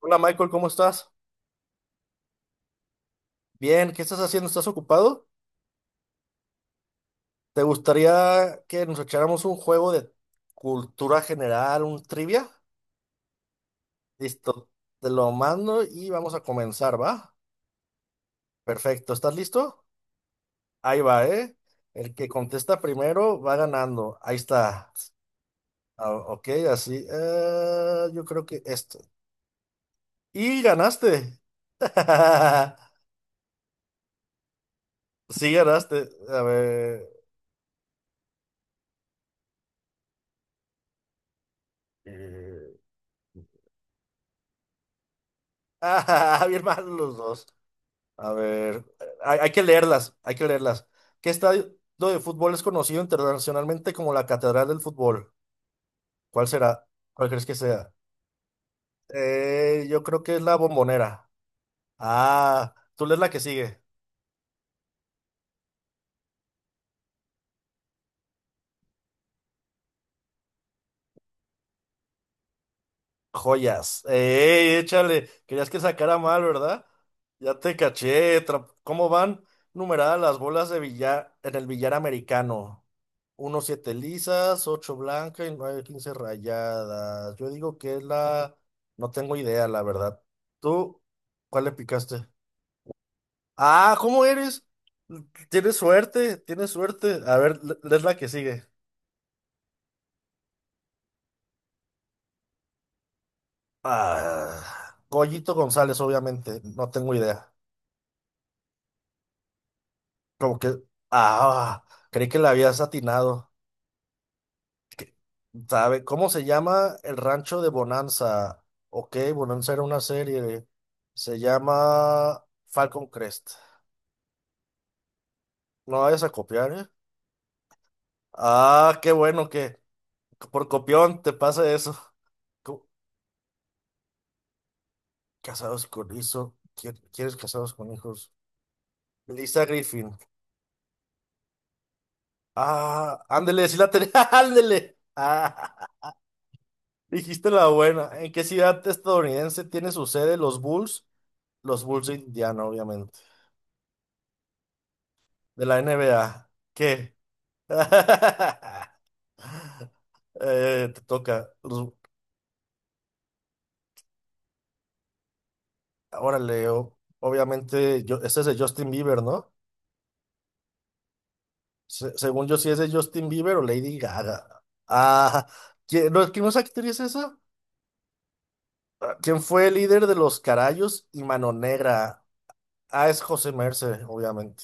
Hola Michael, ¿cómo estás? Bien, ¿qué estás haciendo? ¿Estás ocupado? ¿Te gustaría que nos echáramos un juego de cultura general, un trivia? Listo, te lo mando y vamos a comenzar, ¿va? Perfecto, ¿estás listo? Ahí va, ¿eh? El que contesta primero va ganando. Ahí está. Ah, ok, así. Yo creo que esto. Y ganaste. Sí, ganaste. A ver. eh, Ah, bien mal los dos. A ver, hay que leerlas, hay que leerlas. ¿Qué estadio de fútbol es conocido internacionalmente como la Catedral del Fútbol? ¿Cuál será? ¿Cuál crees que sea? Yo creo que es la Bombonera. Ah, tú lees la que sigue. Joyas. ¡Ey, échale! Querías que sacara mal, ¿verdad? Ya te caché. ¿Cómo van numeradas las bolas de billar en el billar americano? Uno, siete lisas, ocho blancas y nueve, quince rayadas. Yo digo que es la... No tengo idea, la verdad. ¿Tú cuál le picaste? Ah, ¿cómo eres? Tienes suerte, tienes suerte. A ver, lees la que sigue. Ah, Goyito González, obviamente. No tengo idea. Como que, ah, creí que la habías atinado. Que- ¿Sabe cómo se llama el rancho de Bonanza? Ok, Bonanza era una serie. Se llama Falcon Crest. No vayas a copiar, ¿eh? Ah, qué bueno que por copión te pasa eso. Co- Casados con hijos. ¿Quieres casados con hijos? Lisa Griffin. Ah, ándele, sí la tenía. Ándele. Ah, dijiste la buena. ¿En qué ciudad estadounidense tiene su sede los Bulls? Los Bulls de Indiana, obviamente. De la NBA. ¿Qué? Te toca. Ahora leo. Obviamente, yo, ese es de Justin Bieber, ¿no? Según yo, si es de Justin Bieber o Lady Gaga. Ah, ¿quién, no, ¿quién es actriz esa? Ah, ¿quién fue el líder de los Carayos y Mano Negra? Ah, es José Merced, obviamente.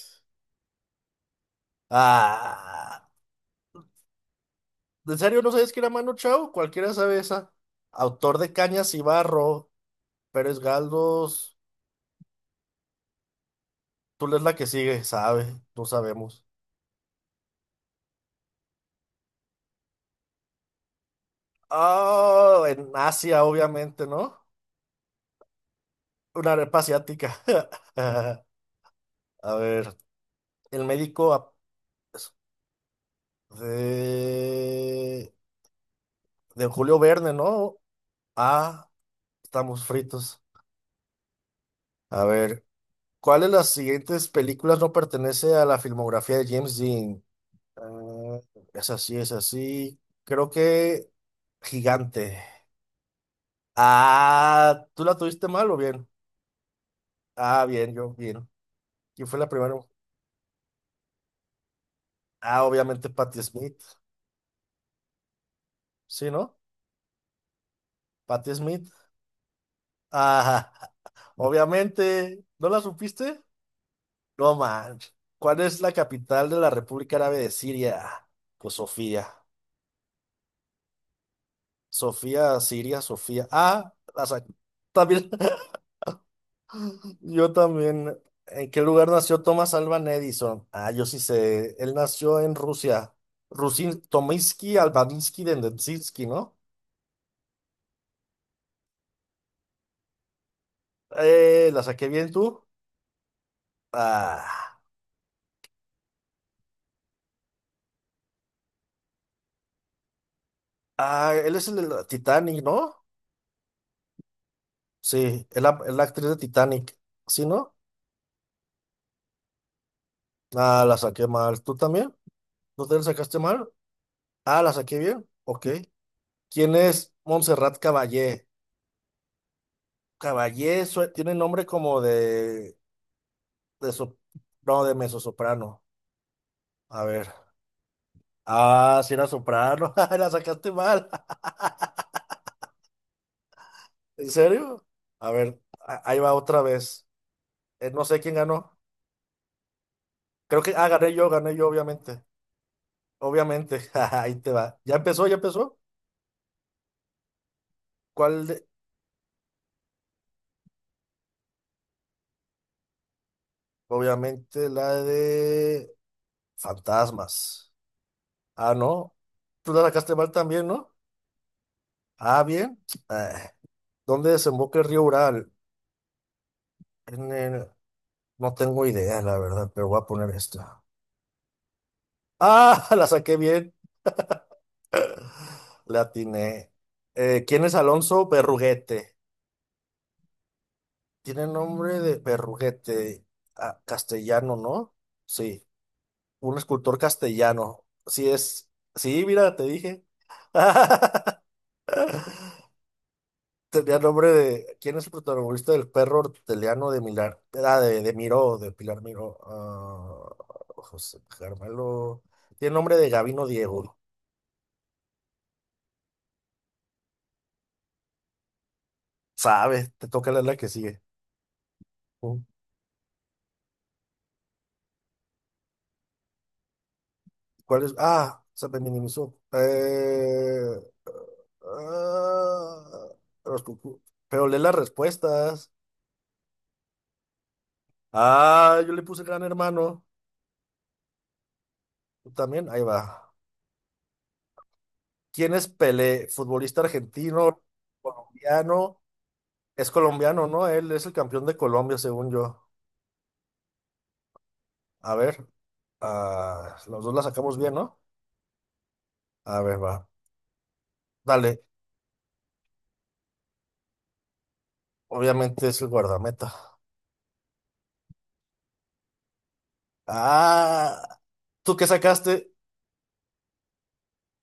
Ah, ¿en serio no sabes que era Mano Chao? Cualquiera sabe esa. Autor de Cañas y Barro. Pérez Galdós, tú lees la que sigue, sabe, no sabemos. Ah, en Asia, obviamente, ¿no? Una arepa asiática. A ver, el médico ap- de, de Julio Verne, ¿no? Ah, estamos fritos. A ver, ¿cuál de las siguientes películas no pertenece a la filmografía de James Dean? Ah, es así, es así. Creo que Gigante. Ah, ¿tú la tuviste mal o bien? Ah, bien, yo, bien. ¿Quién fue la primera? Ah, obviamente Patti Smith. ¿Sí, no? Patti Smith. Ah, obviamente. ¿No la supiste? No manches. ¿Cuál es la capital de la República Árabe de Siria? Pues Sofía. Sofía, Siria, Sofía. Ah, también, yo también. ¿En qué lugar nació Thomas Alban Edison? Ah, yo sí sé. Él nació en Rusia. Rusin, Tominsky, Albaninsky, Dendensky, ¿no? ¿La saqué bien tú? Ah, ah, él es el de la Titanic, ¿no? Sí, es la actriz de Titanic. ¿Sí, no? Ah, la saqué mal. ¿Tú también? ¿No te la sacaste mal? Ah, la saqué bien. Ok. ¿Quién es Montserrat Caballé? Tiene nombre como de, de so- no, de mezzosoprano. A ver. Ah, sí era soprano. La sacaste mal. ¿En serio? A ver, ahí va otra vez. No sé quién ganó. Creo que, ah, gané yo, obviamente. Obviamente, ahí te va. ¿Ya empezó? ¿Ya empezó? ¿Cuál de- Obviamente la de fantasmas. Ah, no. Tú la sacaste mal también, ¿no? Ah, bien. Ah, ¿dónde desemboca el río Ural? En el- No tengo idea, la verdad, pero voy a poner esta. Ah, la saqué bien. La atiné. ¿Quién es Alonso Berruguete? Tiene nombre de Berruguete. Ah, castellano, ¿no? Sí. Un escultor castellano. Sí es. Sí, mira, te dije. Tenía nombre de. ¿Quién es el protagonista del perro horteliano de Milar? Ah, de Miró, de Pilar Miró. Ah, José Carmelo. Tiene nombre de Gabino Diego. Sabes, te toca leer la que sigue. Mm. ¿Cuál es? Ah, se me minimizó. Ah, los cucú- pero lee las respuestas. Ah, yo le puse gran hermano. Tú también, ahí va. ¿Quién es Pelé? Futbolista argentino, colombiano. Es colombiano, ¿no? Él es el campeón de Colombia, según yo. A ver, ah, los dos la sacamos bien, ¿no? A ver, va. Dale, obviamente es el guardameta. Ah, ¿tú qué sacaste?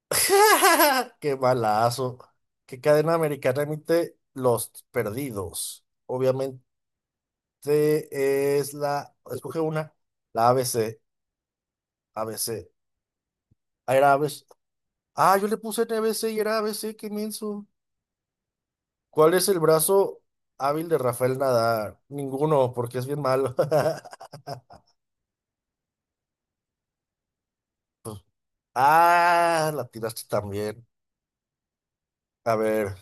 ¡Qué balazo! ¿Qué cadena americana emite Los Perdidos? Obviamente es la... Escoge una. La ABC. ABC. Air Aves. Ah, yo le puse N B C y era A B C, qué menso. ¿Cuál es el brazo hábil de Rafael Nadal? Ninguno, porque es bien malo. Ah, la tiraste también. A ver,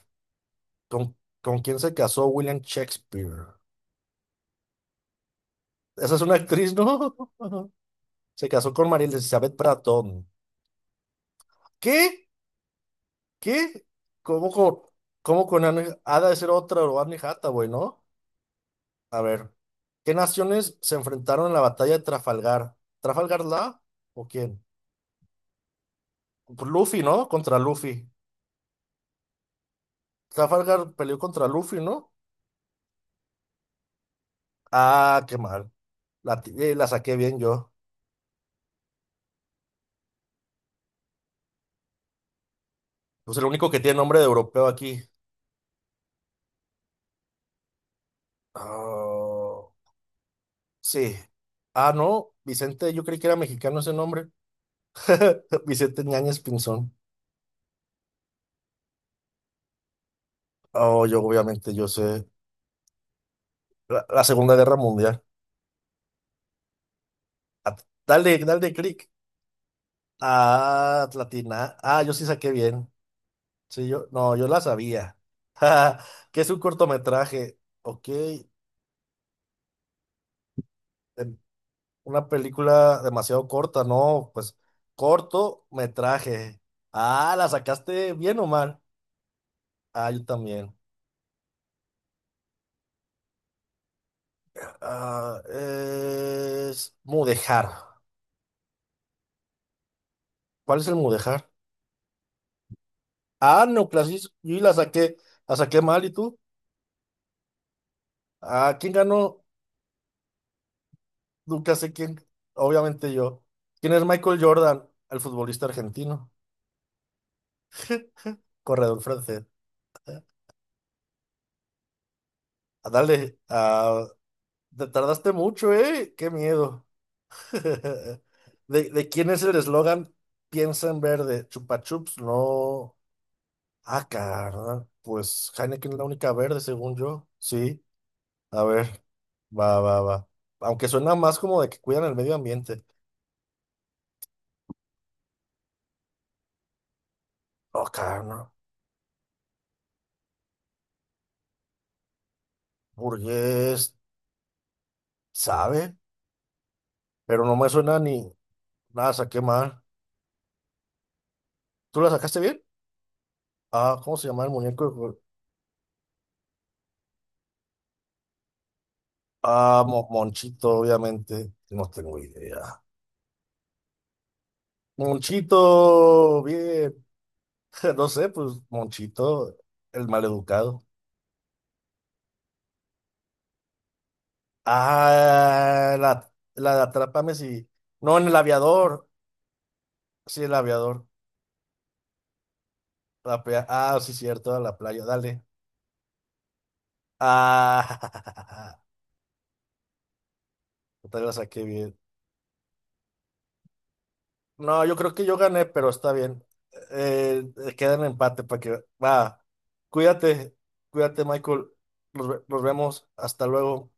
¿con quién se casó William Shakespeare? Esa es una actriz, ¿no? Se casó con María Elizabeth Bratton. ¿Qué? ¿Qué? ¿Cómo con, cómo con Anne, ha de ser otra o Anne Hathaway, ¿no? A ver, ¿qué naciones se enfrentaron en la batalla de Trafalgar? ¿Trafalgar la? ¿O quién? Luffy, ¿no? Contra Luffy. Trafalgar peleó contra Luffy, ¿no? Ah, qué mal. La saqué bien yo. Pues el único que tiene nombre de europeo aquí. Ah, sí. Ah, no. Vicente, yo creí que era mexicano ese nombre. Vicente Ñañez Pinzón. Oh, yo sé. La, la Segunda Guerra Mundial. Ah, dale clic. Ah, Latina. Ah, yo sí saqué bien. Sí, yo, no, yo la sabía. ¿Que es un cortometraje? Ok. Una película demasiado corta, no, pues corto metraje. Ah, ¿la sacaste bien o mal? Ah, yo también. Ah, es Mudejar. ¿Cuál es el Mudejar? Ah, Neoclasis, yo la saqué mal, ¿y tú? Ah, ¿quién ganó? Nunca sé quién, obviamente yo. ¿Quién es Michael Jordan, el futbolista argentino, corredor francés? Ah, dale, ah, te tardaste mucho, ¿eh? Qué miedo. ¿De quién es el eslogan? Piensa en verde. Chupa Chups, no. Ah, carnal. Pues Heineken es la única verde, según yo. Sí. A ver, va. Aunque suena más como de que cuidan el medio ambiente. No, carnal. Burgués, sabe, pero no me suena ni nada, saqué mal. ¿Tú la sacaste bien? Ah, ¿cómo se llama el muñeco? Ah, Monchito, obviamente. No tengo idea. Monchito, bien. No sé, pues Monchito, el maleducado. Ah, la de Atrápame si. No, en el aviador. Sí, el aviador. Ah, sí, cierto, a la playa, dale. Ah, yo te la saqué bien. No, yo creo que yo gané, pero está bien. Queda en empate para que. Va, cuídate, cuídate, Michael. Nos vemos. Hasta luego.